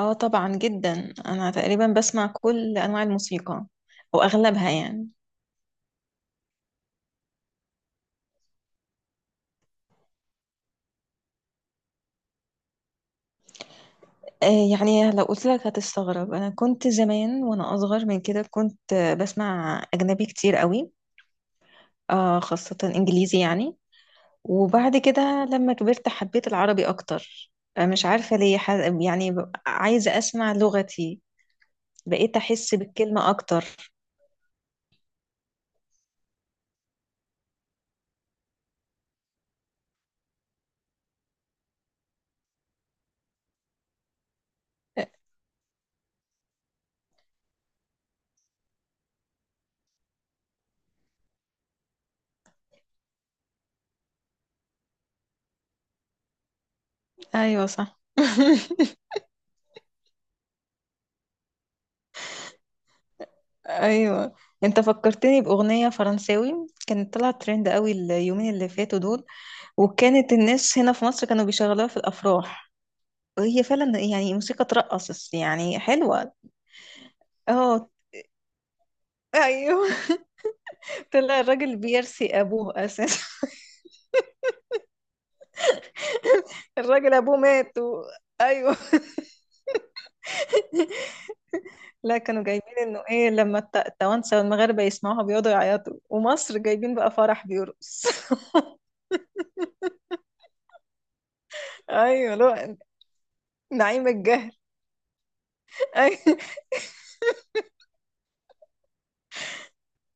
اه طبعا جدا، انا تقريبا بسمع كل انواع الموسيقى او اغلبها يعني. يعني لو قلت لك هتستغرب، انا كنت زمان وانا اصغر من كده كنت بسمع اجنبي كتير قوي. خاصة انجليزي يعني. وبعد كده لما كبرت حبيت العربي اكتر. مش عارفة ليه يعني عايزة اسمع لغتي. بقيت احس بالكلمة اكتر. آه. ايوه، صح. ايوه، انت فكرتني باغنيه فرنساوي كانت طلعت ترند قوي اليومين اللي فاتوا دول، وكانت الناس هنا في مصر كانوا بيشغلوها في الافراح، وهي فعلا يعني موسيقى ترقص يعني حلوه. اه، ايوه. طلع الراجل بيرثي ابوه اساسا. الراجل ابوه مات. ايوه. لا، كانوا جايبين انه ايه لما التوانسه والمغاربه يسمعوها بيقعدوا يعيطوا، ومصر جايبين بقى فرح بيرقص. ايوه، لا. نعيم الجهل. ايوه.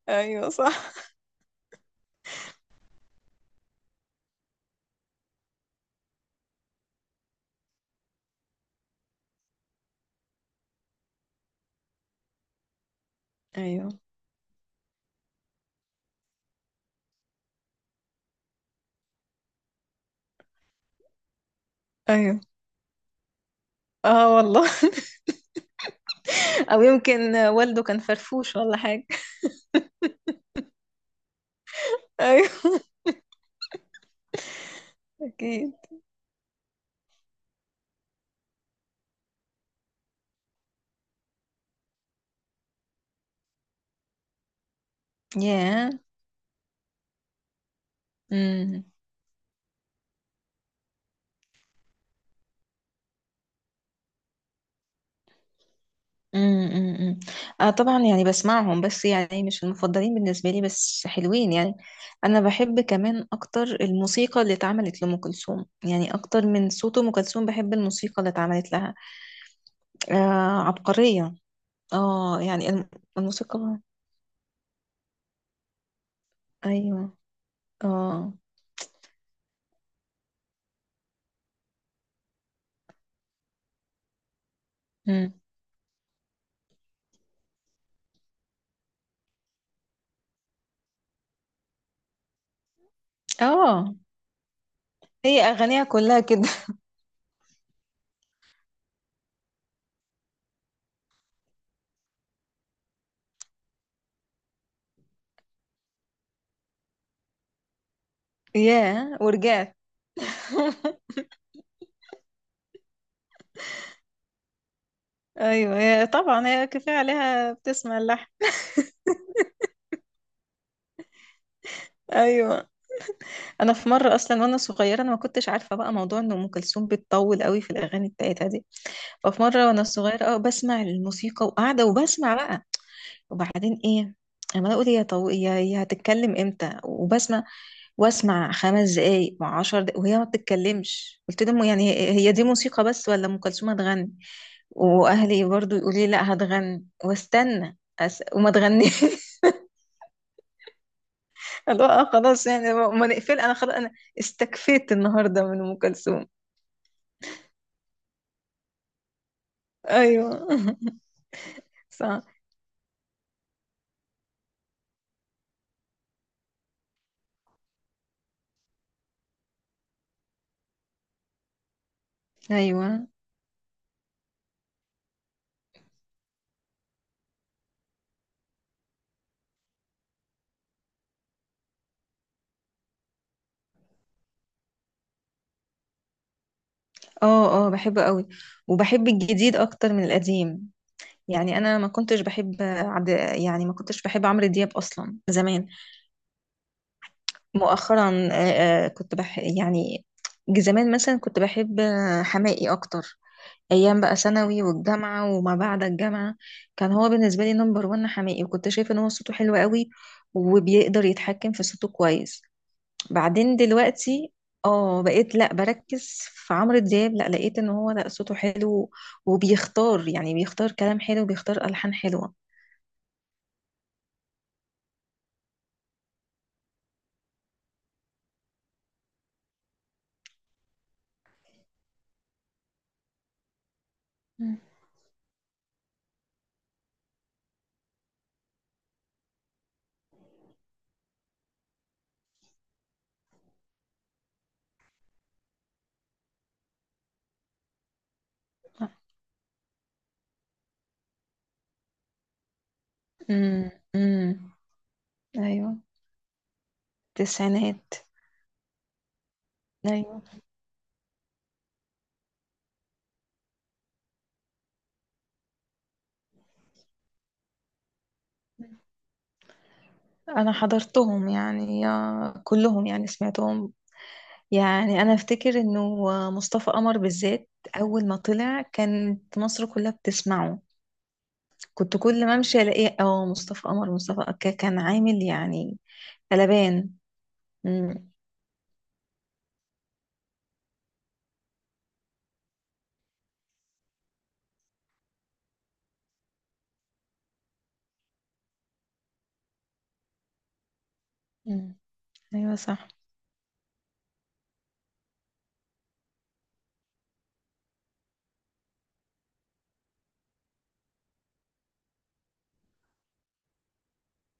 أيوة، صح. ايوه. ايوه، اه والله. او يمكن والده كان فرفوش ولا حاجة. ايوه. اكيد. ياه. امم، امم، امم، اه طبعا، يعني بسمعهم، بس يعني مش المفضلين بالنسبة لي، بس حلوين يعني. انا بحب كمان اكتر الموسيقى اللي اتعملت لأم كلثوم، يعني اكتر من صوت أم كلثوم بحب الموسيقى اللي اتعملت لها. آه، عبقرية. اه يعني الموسيقى. ايوه. اه. امم. اه. هي اغانيها كلها كده. ياه، ورجعت. ايوه، هي طبعا هي كفايه عليها بتسمع اللحن. ايوه. انا في مره اصلا وانا صغيره، انا ما كنتش عارفه بقى موضوع ان ام كلثوم بتطول قوي في الاغاني بتاعتها دي. ففي مره وانا صغيره بسمع الموسيقى وقاعده وبسمع بقى. وبعدين ايه؟ اما اقول يا يا يا هتتكلم امتى؟ وبسمع. واسمع 5 دقايق و10 دقايق وهي ما بتتكلمش، قلت لهم يعني هي هي دي موسيقى بس ولا ام كلثوم هتغني؟ واهلي برضو يقولي لا هتغني، واستنى وما تغنيش. اللي هو خلاص يعني ما نقفل، انا خلاص، انا استكفيت النهارده من ام كلثوم. ايوه. صح. ايوه، اه اه بحبه قوي. وبحب الجديد اكتر من القديم. يعني انا ما كنتش بحب عبد. يعني ما كنتش بحب عمرو دياب اصلا زمان. مؤخرا كنت يعني. زمان مثلا كنت بحب حماقي اكتر. ايام بقى ثانوي والجامعه وما بعد الجامعه. كان هو بالنسبه لي نمبر وان حماقي، وكنت شايفه ان هو صوته حلو قوي. وبيقدر يتحكم في صوته كويس. بعدين دلوقتي اه بقيت لا بركز في عمرو دياب، لا لقيت ان هو لا صوته حلو. وبيختار، يعني بيختار كلام حلو، بيختار الحان حلوه. مم. امم، امم. ايوه، التسعينات. ايوه، انا حضرتهم يعني كلهم يعني سمعتهم. يعني انا افتكر انه مصطفى قمر بالذات اول ما طلع كانت مصر كلها بتسمعه. كنت كل ما امشي الاقيه مصطفى قمر، مصطفى قمر. كان عامل يعني قلبان. مم. مم. ايوه، صح.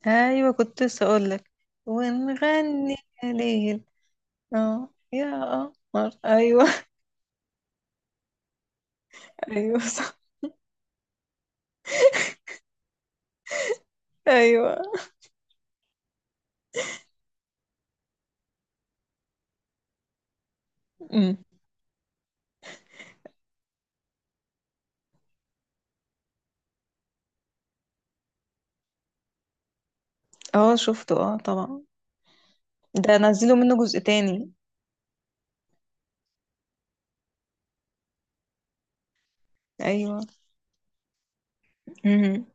ايوه، كنت لسه اقول لك. ونغني يا ليل، اه يا قمر. ايوه. ايوه، صح. ايوه. مم. اه، شفته، اه طبعا. ده نزلوا منه جزء تاني. ايوه. مم.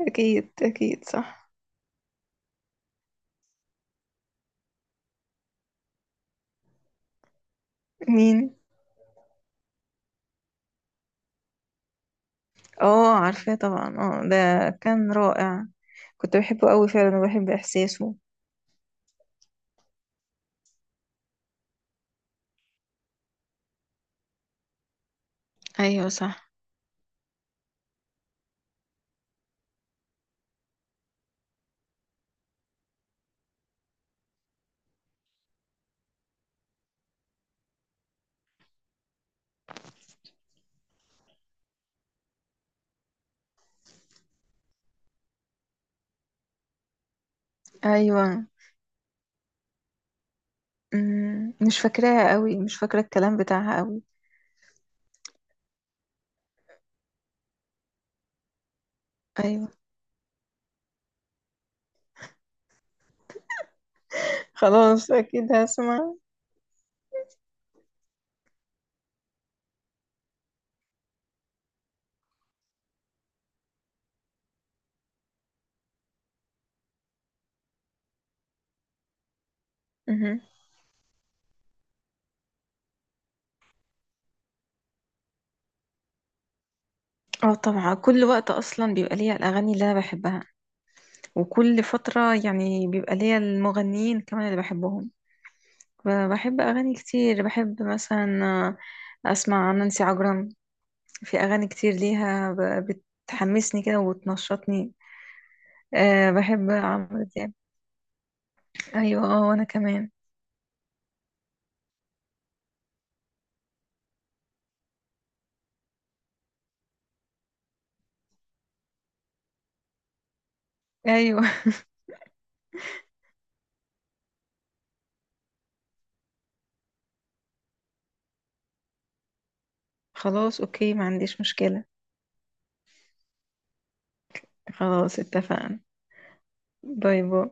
اكيد، اكيد، صح. مين؟ اه، عارفاه طبعا، ده كان رائع. كنت بحبه قوي فعلا، وبحب احساسه. ايوه، صح. ايوه. مش فاكراها قوي، مش فاكره الكلام بتاعها قوي. ايوه، خلاص اكيد هسمع. مهم. اه طبعا، كل وقت اصلا بيبقى ليا الاغاني اللي انا بحبها. وكل فتره يعني بيبقى ليا المغنيين كمان اللي بحبهم. بحب اغاني كتير، بحب مثلا اسمع نانسي عجرم. في اغاني كتير ليها بتحمسني كده وتنشطني. بحب عمرو دياب. ايوه، اه، وانا كمان. ايوه. خلاص اوكي، ما عنديش مشكلة. خلاص، اتفقنا. باي باي.